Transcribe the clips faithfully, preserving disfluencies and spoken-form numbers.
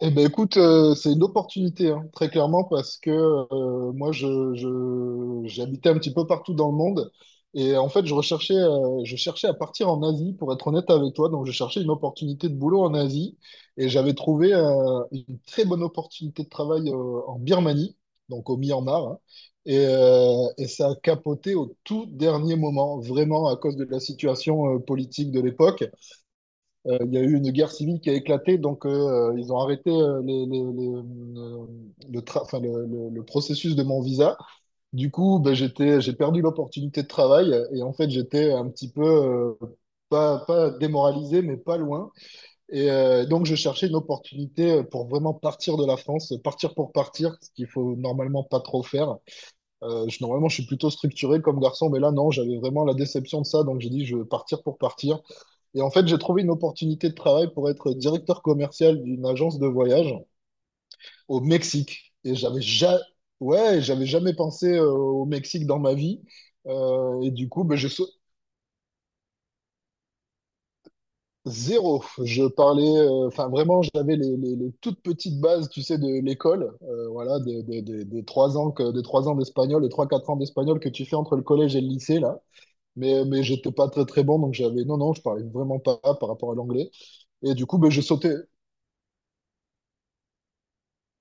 Eh ben écoute, euh, c'est une opportunité, hein, très clairement, parce que euh, moi, je, je, j'habitais un petit peu partout dans le monde. Et en fait, je recherchais, euh, je cherchais à partir en Asie, pour être honnête avec toi. Donc, je cherchais une opportunité de boulot en Asie. Et j'avais trouvé euh, une très bonne opportunité de travail euh, en Birmanie, donc au Myanmar, hein. Et, euh, et ça a capoté au tout dernier moment, vraiment à cause de la situation euh, politique de l'époque. Euh, il y a eu une guerre civile qui a éclaté, donc euh, euh, ils ont arrêté euh, les- les- les, euh, le, tra- enfin, le, le- le processus de mon visa. Du coup, ben, j'étais, j'ai perdu l'opportunité de travail et en fait, j'étais un petit peu, euh, pas, pas démoralisé, mais pas loin. Et euh, donc, je cherchais une opportunité pour vraiment partir de la France, partir pour partir, ce qu'il faut normalement pas trop faire. Euh, je, normalement, je suis plutôt structuré comme garçon, mais là, non, j'avais vraiment la déception de ça, donc j'ai dit, je veux partir pour partir. Et en fait, j'ai trouvé une opportunité de travail pour être directeur commercial d'une agence de voyage au Mexique. Et j'avais ja- ouais, j'avais jamais pensé euh, au Mexique dans ma vie. Euh, et du coup, ben, je sau- zéro. Je parlais, euh, enfin vraiment, j'avais les, les- les toutes petites bases, tu sais, de l'école. Euh, voilà, de- de- de- des trois ans que, des trois ans d'espagnol, les trois, quatre ans d'espagnol que tu fais entre le collège et le lycée, là. Mais, mais j'étais pas très très bon, donc j'avais, non, non, je parlais vraiment pas par rapport à l'anglais. Et du coup, ben, je sautais,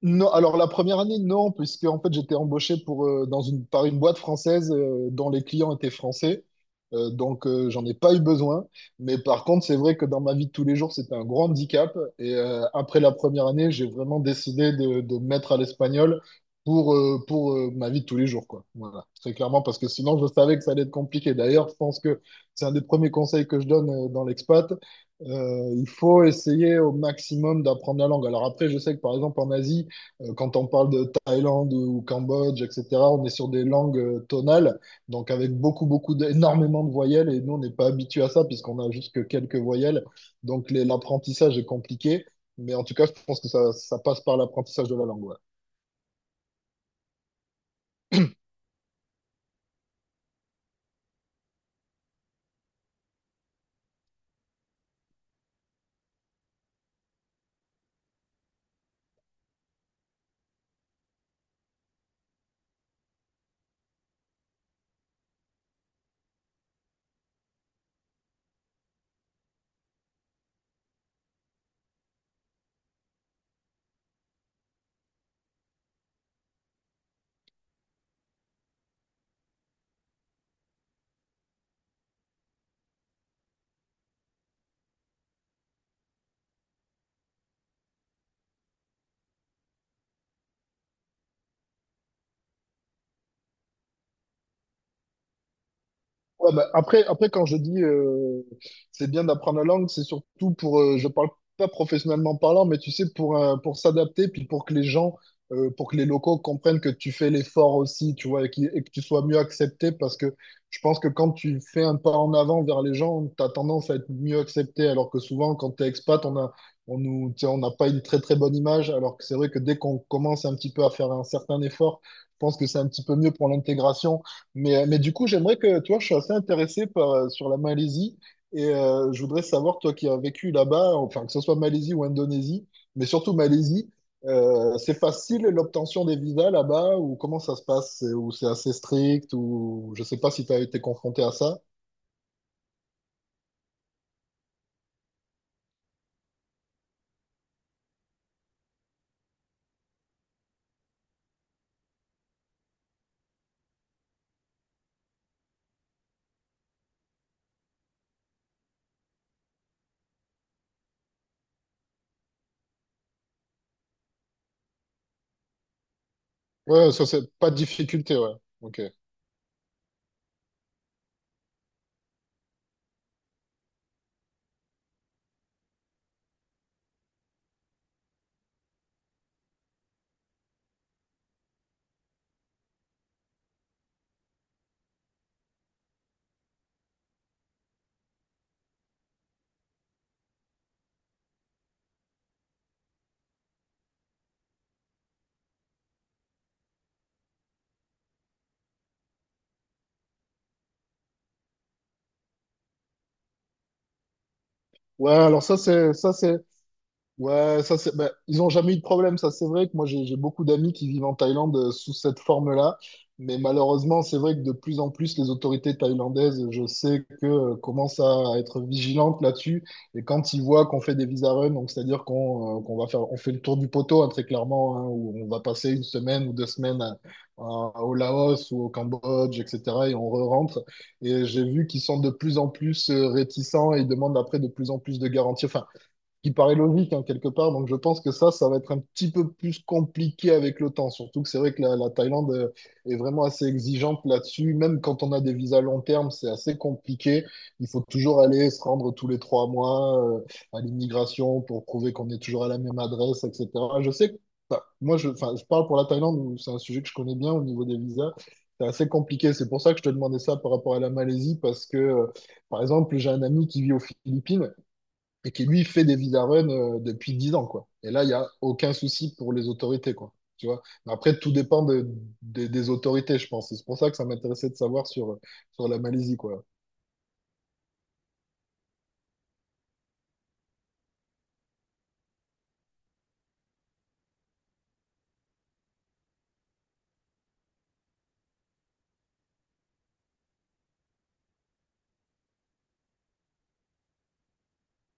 Non, alors la première année, non, puisque en fait j'étais embauché pour, euh, dans une, par une boîte française euh, dont les clients étaient français. Euh, donc euh, j'en ai pas eu besoin. Mais par contre, c'est vrai que dans ma vie de tous les jours, c'était un grand handicap. Et euh, après la première année, j'ai vraiment décidé de, de me mettre à l'espagnol pour, euh, pour euh, ma vie de tous les jours, quoi. Voilà, très clairement, parce que sinon je savais que ça allait être compliqué. D'ailleurs, je pense que c'est un des premiers conseils que je donne euh, dans l'expat. Euh, il faut essayer au maximum d'apprendre la langue. Alors après, je sais que par exemple en Asie, euh, quand on parle de Thaïlande ou Cambodge, et cetera, on est sur des langues euh, tonales, donc avec beaucoup, beaucoup, d- énormément de voyelles, et nous, on n'est pas habitué à ça, puisqu'on a juste que quelques voyelles, donc les- l'apprentissage est compliqué, mais en tout cas, je pense que ça, ça passe par l'apprentissage de la langue. Ouais. Ouais, bah, après, après, quand je dis euh, c'est bien d'apprendre la langue, c'est surtout pour, euh, je parle pas professionnellement parlant, mais tu sais, pour, euh, pour s'adapter, puis pour que les gens, euh, pour que les locaux comprennent que tu fais l'effort aussi, tu vois, et, qui- et que tu sois mieux accepté, parce que je pense que quand tu fais un pas en avant vers les gens, tu as tendance à être mieux accepté, alors que souvent, quand tu es expat, on a, on nous, tu sais, on n'a pas une très très bonne image, alors que c'est vrai que dès qu'on commence un petit peu à faire un certain effort, je pense que c'est un petit peu mieux pour l'intégration. Mais, euh, mais du coup, j'aimerais que, tu vois, je suis assez intéressé par, euh, sur la Malaisie et euh, je voudrais savoir, toi qui as vécu là-bas, enfin, que ce soit Malaisie ou Indonésie, mais surtout Malaisie, euh, c'est facile l'obtention des visas là-bas ou comment ça se passe? C'est- Ou c'est assez strict ou je sais pas si tu as été confronté à ça. Ouais, ça, c'est pas de difficulté, ouais. Ok. Ouais, alors ça, c'est ça, c'est Ouais, ça c'est, bah, ils n'ont jamais eu de problème, ça c'est vrai que moi j'ai j'ai beaucoup d'amis qui vivent en Thaïlande euh, sous cette forme-là, mais malheureusement c'est vrai que de plus en plus les autorités thaïlandaises, je sais que euh, commencent à être vigilantes là-dessus, et quand ils voient qu'on fait des visa run, donc c'est-à-dire qu'on euh, qu'on va faire, on fait le tour du poteau hein, très clairement, hein, où on va passer une semaine ou deux semaines à- à- au Laos ou au Cambodge, et cetera, et on re-rentre, et j'ai vu qu'ils sont de plus en plus euh, réticents et ils demandent après de plus en plus de garanties. Enfin, qui paraît logique hein, quelque part. Donc je pense que ça, ça va être un petit peu plus compliqué avec le temps. Surtout que c'est vrai que la, la Thaïlande euh, est vraiment assez exigeante là-dessus. Même quand on a des visas long terme, c'est assez compliqué. Il faut toujours aller se rendre tous les trois mois euh, à l'immigration pour prouver qu'on est toujours à la même adresse, et cetera. Je sais que enfin, moi, je, enfin, Je parle pour la Thaïlande, où c'est un sujet que je connais bien au niveau des visas. C'est assez compliqué. C'est pour ça que je te demandais ça par rapport à la Malaisie, parce que, euh, par exemple, j'ai un ami qui vit aux Philippines et qui lui fait des vidaruns euh, depuis dix ans, quoi. Et là, il n'y a aucun souci pour les autorités, quoi. Tu vois? Mais après, tout dépend de- des des autorités, je pense. Et c'est pour ça que ça m'intéressait de savoir sur, sur la Malaisie, quoi.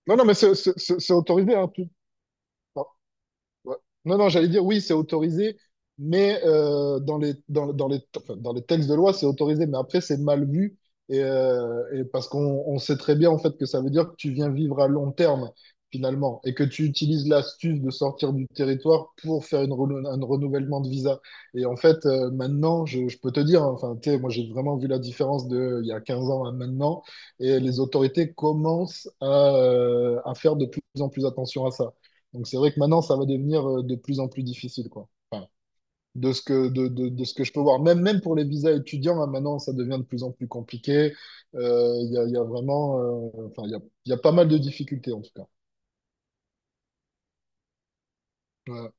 Non, non, mais c'est c'est- c'est- c'est autorisé, hein, tout. Ouais. Non, non, j'allais dire oui, c'est autorisé, mais euh, dans les, dans, dans les, enfin, dans les textes de loi, c'est autorisé, mais après, c'est mal vu. Et, euh, et parce qu'on on sait très bien, en fait, que ça veut dire que tu viens vivre à long terme, finalement, et que tu utilises l'astuce de sortir du territoire pour faire une renou- un renouvellement de visa. Et en fait, euh, maintenant, je, je peux te dire, hein, enfin, tu sais, moi, j'ai vraiment vu la différence de il y a quinze ans à maintenant, et les autorités commencent à, euh, à faire de plus en plus attention à ça. Donc c'est vrai que maintenant, ça va devenir euh, de plus en plus difficile, quoi. Enfin, de ce que, de, de, de ce que je peux voir. Même, même pour les visas étudiants, hein, maintenant, ça devient de plus en plus compliqué. Euh, Il y a, il y a vraiment... euh, enfin, il y a, il y a pas mal de difficultés, en tout cas. Ouais,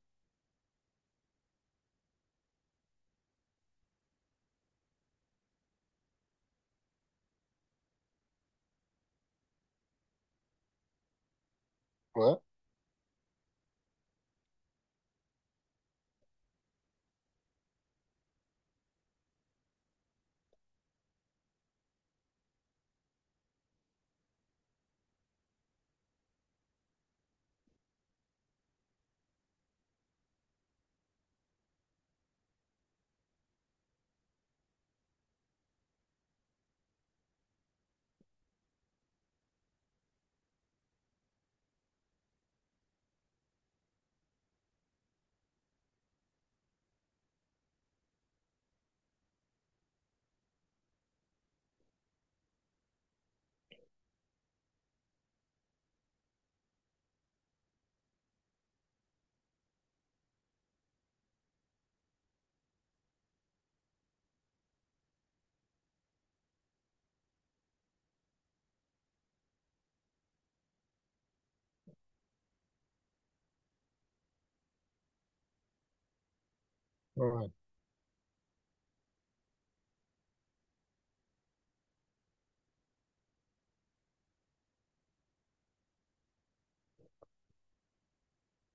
ouais, ouais.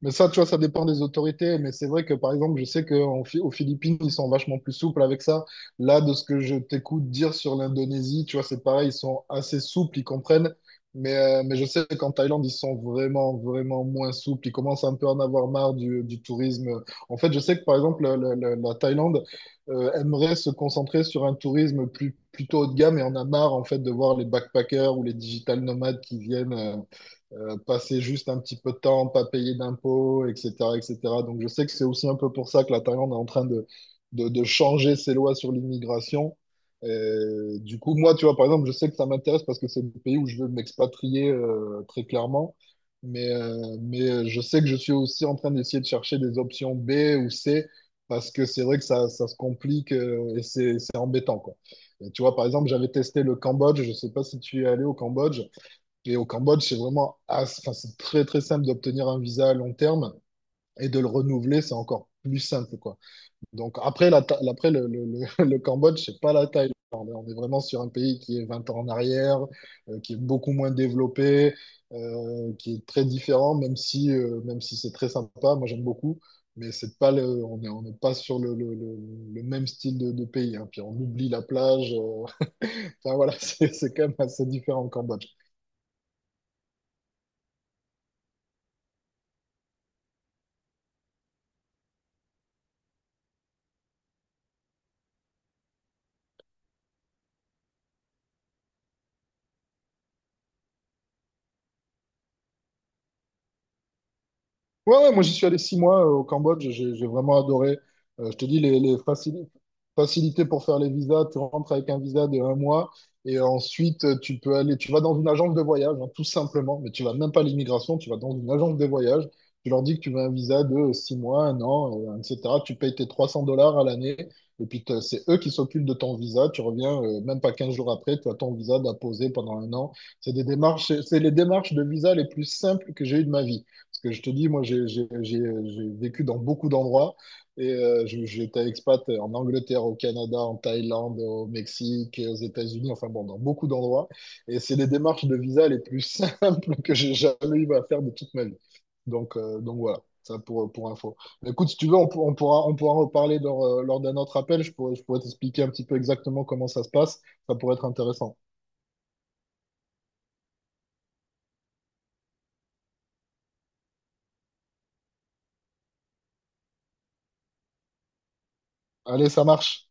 Mais ça, tu vois, ça dépend des autorités. Mais c'est vrai que, par exemple, je sais qu'aux Philippines, ils sont vachement plus souples avec ça. Là, de ce que je t'écoute dire sur l'Indonésie, tu vois, c'est pareil, ils sont assez souples, ils comprennent. Mais, euh, mais je sais qu'en Thaïlande, ils sont vraiment, vraiment moins souples. Ils commencent un peu à en avoir marre du, du tourisme. En fait, je sais que, par exemple, le- le- le- la Thaïlande, euh, aimerait se concentrer sur un tourisme plus, plutôt haut de gamme et en a marre, en fait, de voir les backpackers ou les digital nomades qui viennent. euh, euh, passer juste un petit peu de temps, pas payer d'impôts, et cetera, et cetera. Donc je sais que c'est aussi un peu pour ça que la Thaïlande est en train de, de, de changer ses lois sur l'immigration. Euh, du coup, moi, tu vois, par exemple, je sais que ça m'intéresse parce que c'est le pays où je veux m'expatrier euh, très clairement. Mais, euh, mais euh, je sais que je suis aussi en train d'essayer de chercher des options B ou C parce que c'est vrai que ça, ça se complique euh, et c'est c'est embêtant, quoi. Et tu vois, par exemple, j'avais testé le Cambodge. Je sais pas si tu es allé au Cambodge. Et au Cambodge, c'est vraiment as- enfin, c'est très très simple d'obtenir un visa à long terme et de le renouveler, c'est encore plus simple, quoi. Donc après, la, Tha- après le, le, le, le Cambodge, c'est pas la Thaïlande, hein. On est vraiment sur un pays qui est vingt ans en arrière, euh, qui est beaucoup moins développé, euh, qui est très différent, même si, euh, même si c'est très sympa, moi j'aime beaucoup. Mais c'est pas le, on n'est on n'est pas sur le, le, le, le même style de, de pays, hein. Puis on oublie la plage. euh. Enfin voilà, c'est c'est quand même assez différent au Cambodge. Ouais, ouais, moi j'y suis allé six mois euh, au Cambodge, j'ai j'ai vraiment adoré. Euh, je te dis, les, les facili- facilités pour faire les visas, tu rentres avec un visa de un mois et ensuite euh, tu peux aller, tu vas dans une agence de voyage, hein, tout simplement, mais tu vas même pas à l'immigration, tu vas dans une agence de voyage, tu leur dis que tu veux un visa de six mois, un an, euh, et cetera. Tu payes tes trois cents dollars à l'année et puis t'as- c'est eux qui s'occupent de ton visa, tu reviens euh, même pas quinze jours après, tu as ton visa d'apposer pendant un an. C'est des démarches, c'est les démarches de visa les plus simples que j'ai eues de ma vie. Parce que je te dis, moi, j'ai j'ai- j'ai- j'ai vécu dans beaucoup d'endroits. Et euh, je- j'étais expat en Angleterre, au Canada, en Thaïlande, au Mexique, aux États-Unis, enfin bon, dans beaucoup d'endroits. Et c'est les démarches de visa les plus simples que j'ai jamais eu à faire de toute ma vie. Donc, euh, donc voilà, ça pour, pour info. Mais écoute, si tu veux, on, pour- on pourra, on pourra en reparler lors, euh, lors d'un autre appel. Je pourrais, je pourrais t'expliquer un petit peu exactement comment ça se passe. Ça pourrait être intéressant. Allez, ça marche.